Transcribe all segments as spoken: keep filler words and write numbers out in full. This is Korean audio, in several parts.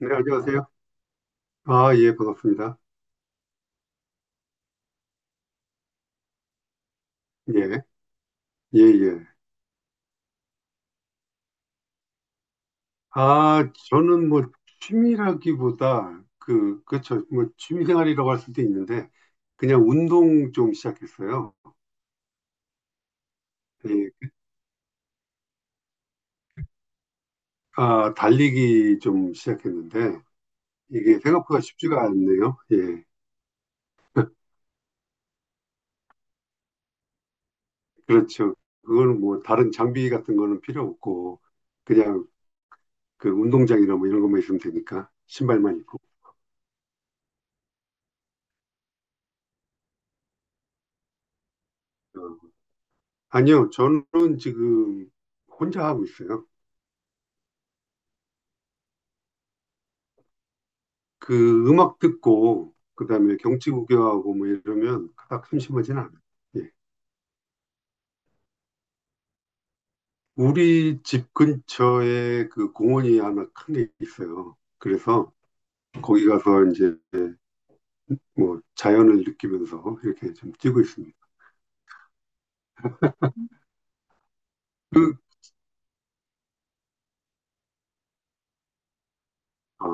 네, 안녕하세요. 아, 예, 반갑습니다. 예, 예, 예. 아, 저는 뭐 취미라기보다 그, 그렇죠. 뭐 취미 생활이라고 할 수도 있는데 그냥 운동 좀 시작했어요. 예, 아, 달리기 좀 시작했는데 이게 생각보다 쉽지가 않네요. 예, 그렇죠. 그거는 뭐 다른 장비 같은 거는 필요 없고 그냥 그 운동장이나 뭐 이런 것만 있으면 되니까 신발만 입고. 어, 아니요, 저는 지금 혼자 하고 있어요. 그 음악 듣고 그다음에 경치 구경하고 뭐 이러면 그닥 심심하진 않아요. 예. 우리 집 근처에 그 공원이 하나 큰 게 있어요. 그래서 거기 가서 이제 뭐 자연을 느끼면서 이렇게 좀 뛰고 있습니다. 아,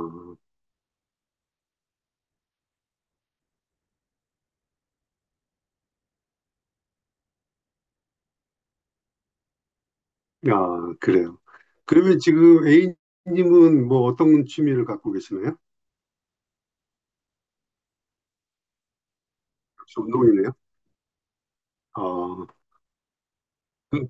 아, 그래요. 그러면 지금 A님은 뭐 어떤 취미를 갖고 계시나요? 역시 운동이네요. 아, 그,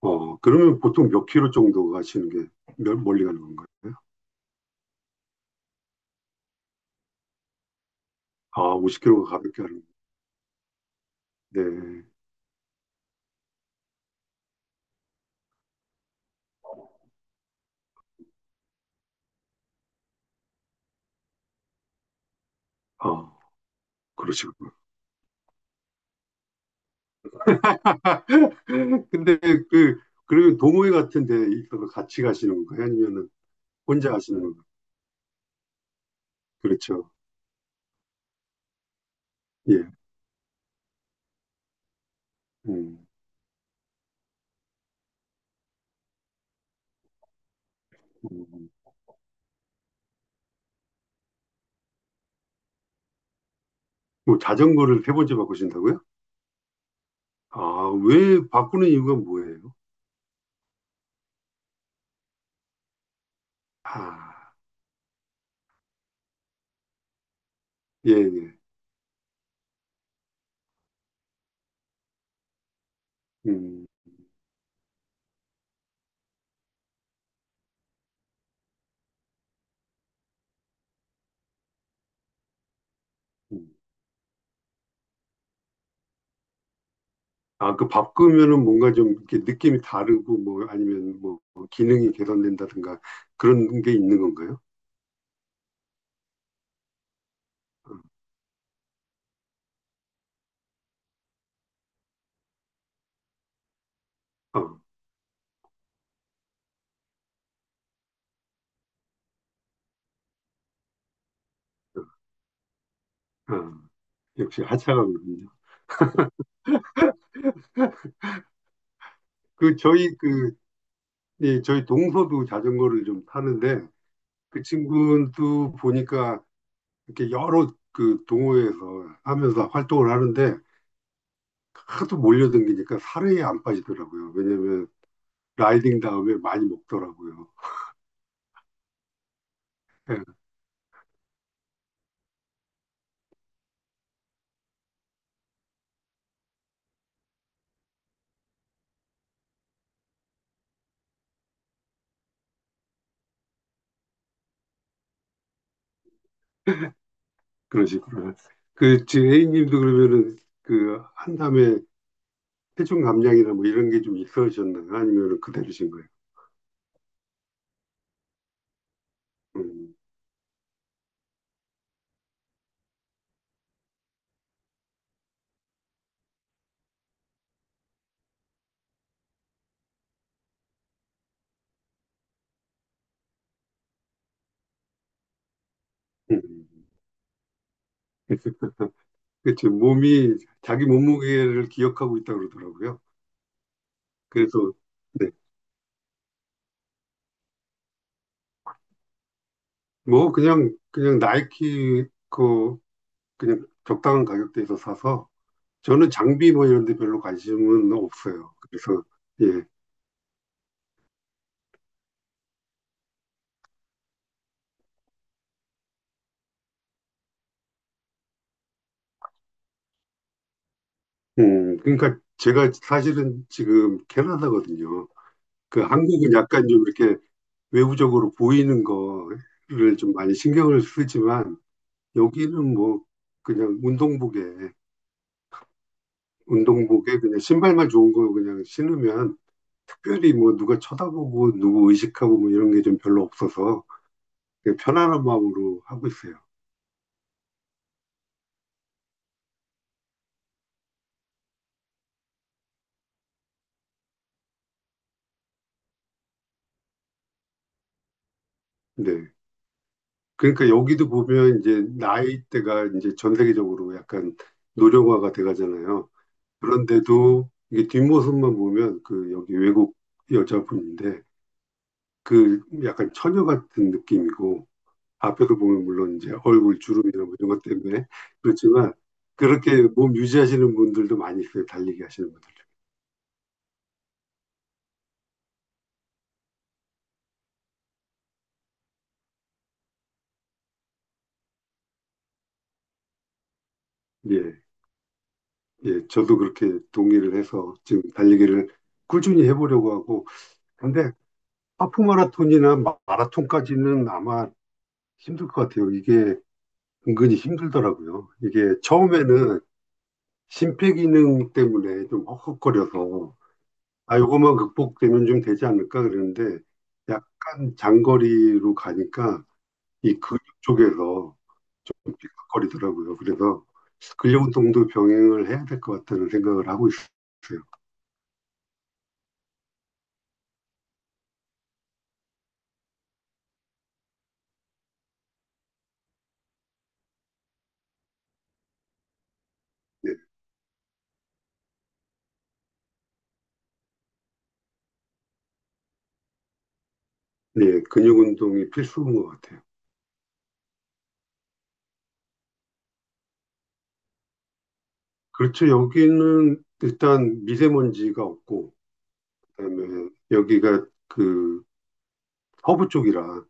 어, 그러면 보통 몇 킬로 정도 가시는 게 멀- 멀리 가는 건가요? 아, 오십 킬로가 가볍게 하는. 건가요? 네. 아, 그러시군요. 근데 그, 그러면 동호회 같은 데 이거 같이 가시는 거예요 아니면은 혼자 가시는 건가요? 그렇죠. 예. 음, 음. 음. 뭐 자전거를 세 번째 바꾸신다고요? 아, 왜 바꾸는 이유가 뭐예요? 아, 예, 예. 음, 음. 아, 그 바꾸면은 뭔가 좀 이렇게 느낌이 다르고 뭐 아니면 뭐 기능이 개선된다든가 그런 게 있는 건가요? 어, 어, 어. 어, 역시 하차가 군요. 그, 저희 그, 이 저희 동서도 자전거를 좀 타는데 그 친구도 보니까 이렇게 여러 그 동호회에서 하면서 활동을 하는데 하도 몰려댕기니까 살이 안 빠지더라고요. 왜냐면 라이딩 다음에 많이 먹더라고요. 예, 그런 식으로. 그 지금 A님도 그러면은 그 한담에 체중 감량이나 뭐 이런 게 좀 있으셨나요? 아니면 그대로신 거예요? 음, 음. 그치 몸이 자기 몸무게를 기억하고 있다고 그러더라고요. 그래서 네. 뭐 그냥 그냥 나이키 그 그냥 적당한 가격대에서 사서 저는 장비 뭐 이런 데 별로 관심은 없어요. 그래서 예. 음, 그러니까 제가 사실은 지금 캐나다거든요. 그 한국은 약간 좀 이렇게 외부적으로 보이는 거를 좀 많이 신경을 쓰지만 여기는 뭐 그냥 운동복에 운동복에 그냥 신발만 좋은 거 그냥 신으면 특별히 뭐 누가 쳐다보고 누구 의식하고 뭐 이런 게 좀 별로 없어서 되게 편안한 마음으로 하고 있어요. 네. 그러니까 여기도 보면 이제 나이대가 이제 전 세계적으로 약간 노령화가 돼가잖아요. 그런데도 이게 뒷모습만 보면 그 여기 외국 여자분인데 그 약간 처녀 같은 느낌이고 앞에서 보면 물론 이제 얼굴 주름이나 뭐 이런 것 때문에 그렇지만 그렇게 몸 유지하시는 분들도 많이 있어요. 달리기 하시는 분들 중에. 예, 예. 저도 그렇게 동의를 해서 지금 달리기를 꾸준히 해보려고 하고 근데 하프 마라톤이나 마- 라톤까지는 아마 힘들 것 같아요. 이게 은근히 힘들더라고요. 이게 처음에는 심폐 기능 때문에 좀 헉헉거려서 아, 요것만 극복되면 좀 되지 않을까 그랬는데 약간 장거리로 가니까 이 근육 쪽에서 좀 삐걱거리더라고요. 그래서 근력 운동도 병행을 해야 될 것 같다는 생각을 하고 있어요. 네, 네, 근육 운동이 필수인 것 같아요. 그렇죠. 여기는 일단 미세먼지가 없고 그다음에 여기가 그 서부 쪽이라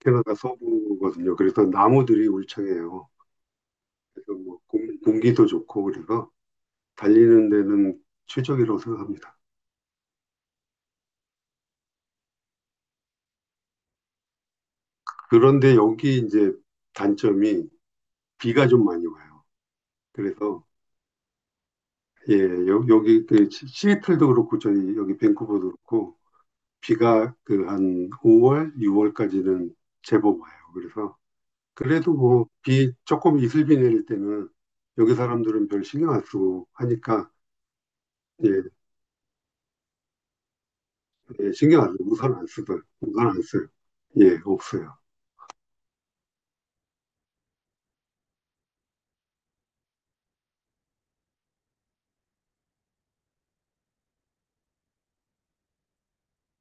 캐나다 서부거든요. 그래서 나무들이 울창해요. 그래서 뭐 공, 공기도 좋고 그래서 달리는 데는 최적이라고 생각합니다. 그런데 여기 이제 단점이 비가 좀 많이 와요. 그래서 예, 여, 여기 그 시- 시애틀도 그렇고 저희 여기 밴쿠버도 그렇고 비가 그 한 오월, 유월까지는 제법 와요. 그래서 그래도 뭐, 비 조금 이슬비 내릴 때는 여기 사람들은 별 신경 안 쓰고 하니까, 예, 예, 신경 안 쓰고 우산 안 쓰든 우산 안 써요. 예, 없어요.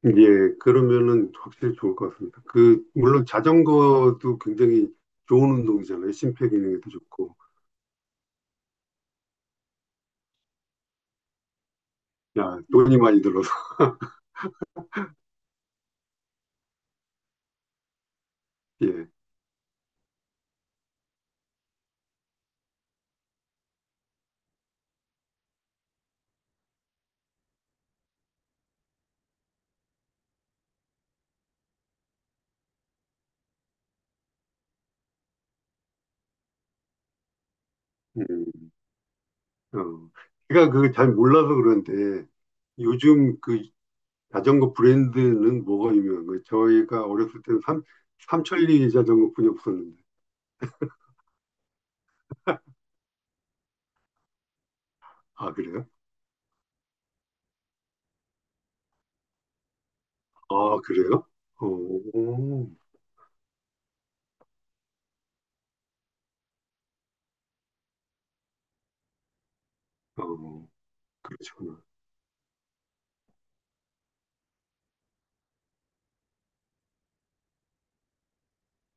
예, 그러면은 확실히 좋을 것 같습니다. 그, 물론 자전거도 굉장히 좋은 운동이잖아요. 심폐 기능에도 좋고. 야, 돈이 많이 들어서. 예. 음, 어. 제가 그걸 잘 몰라서 그런데 요즘 그 자전거 브랜드는 뭐가 유명한 거예요? 저희가 어렸을 때는 삼, 삼천리 자전거뿐이 없었는데. 아, 그래요? 아, 그래요? 어, 어, 그러시구나.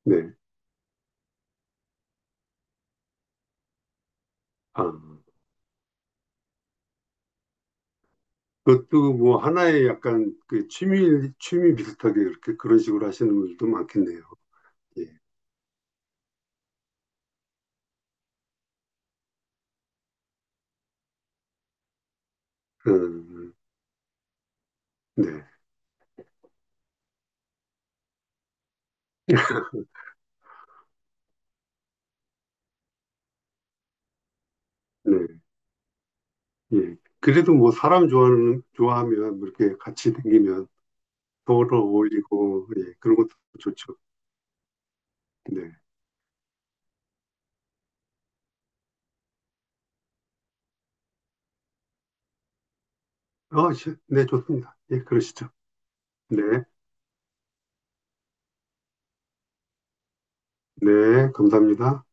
네. 아, 그것도 뭐 하나의 약간 그 취미, 취미 비슷하게 이렇게 그런 식으로 하시는 분들도 많겠네요. 예. 음, 음. 네. 네. 예. 그래도 뭐 사람 좋아하는, 좋아하면 뭐 이렇게 같이 다니면 서로 어울리고, 예. 그런 것도 좋죠. 네. 아, 시- 네, 좋습니다. 예, 그러시죠. 네, 네, 감사합니다.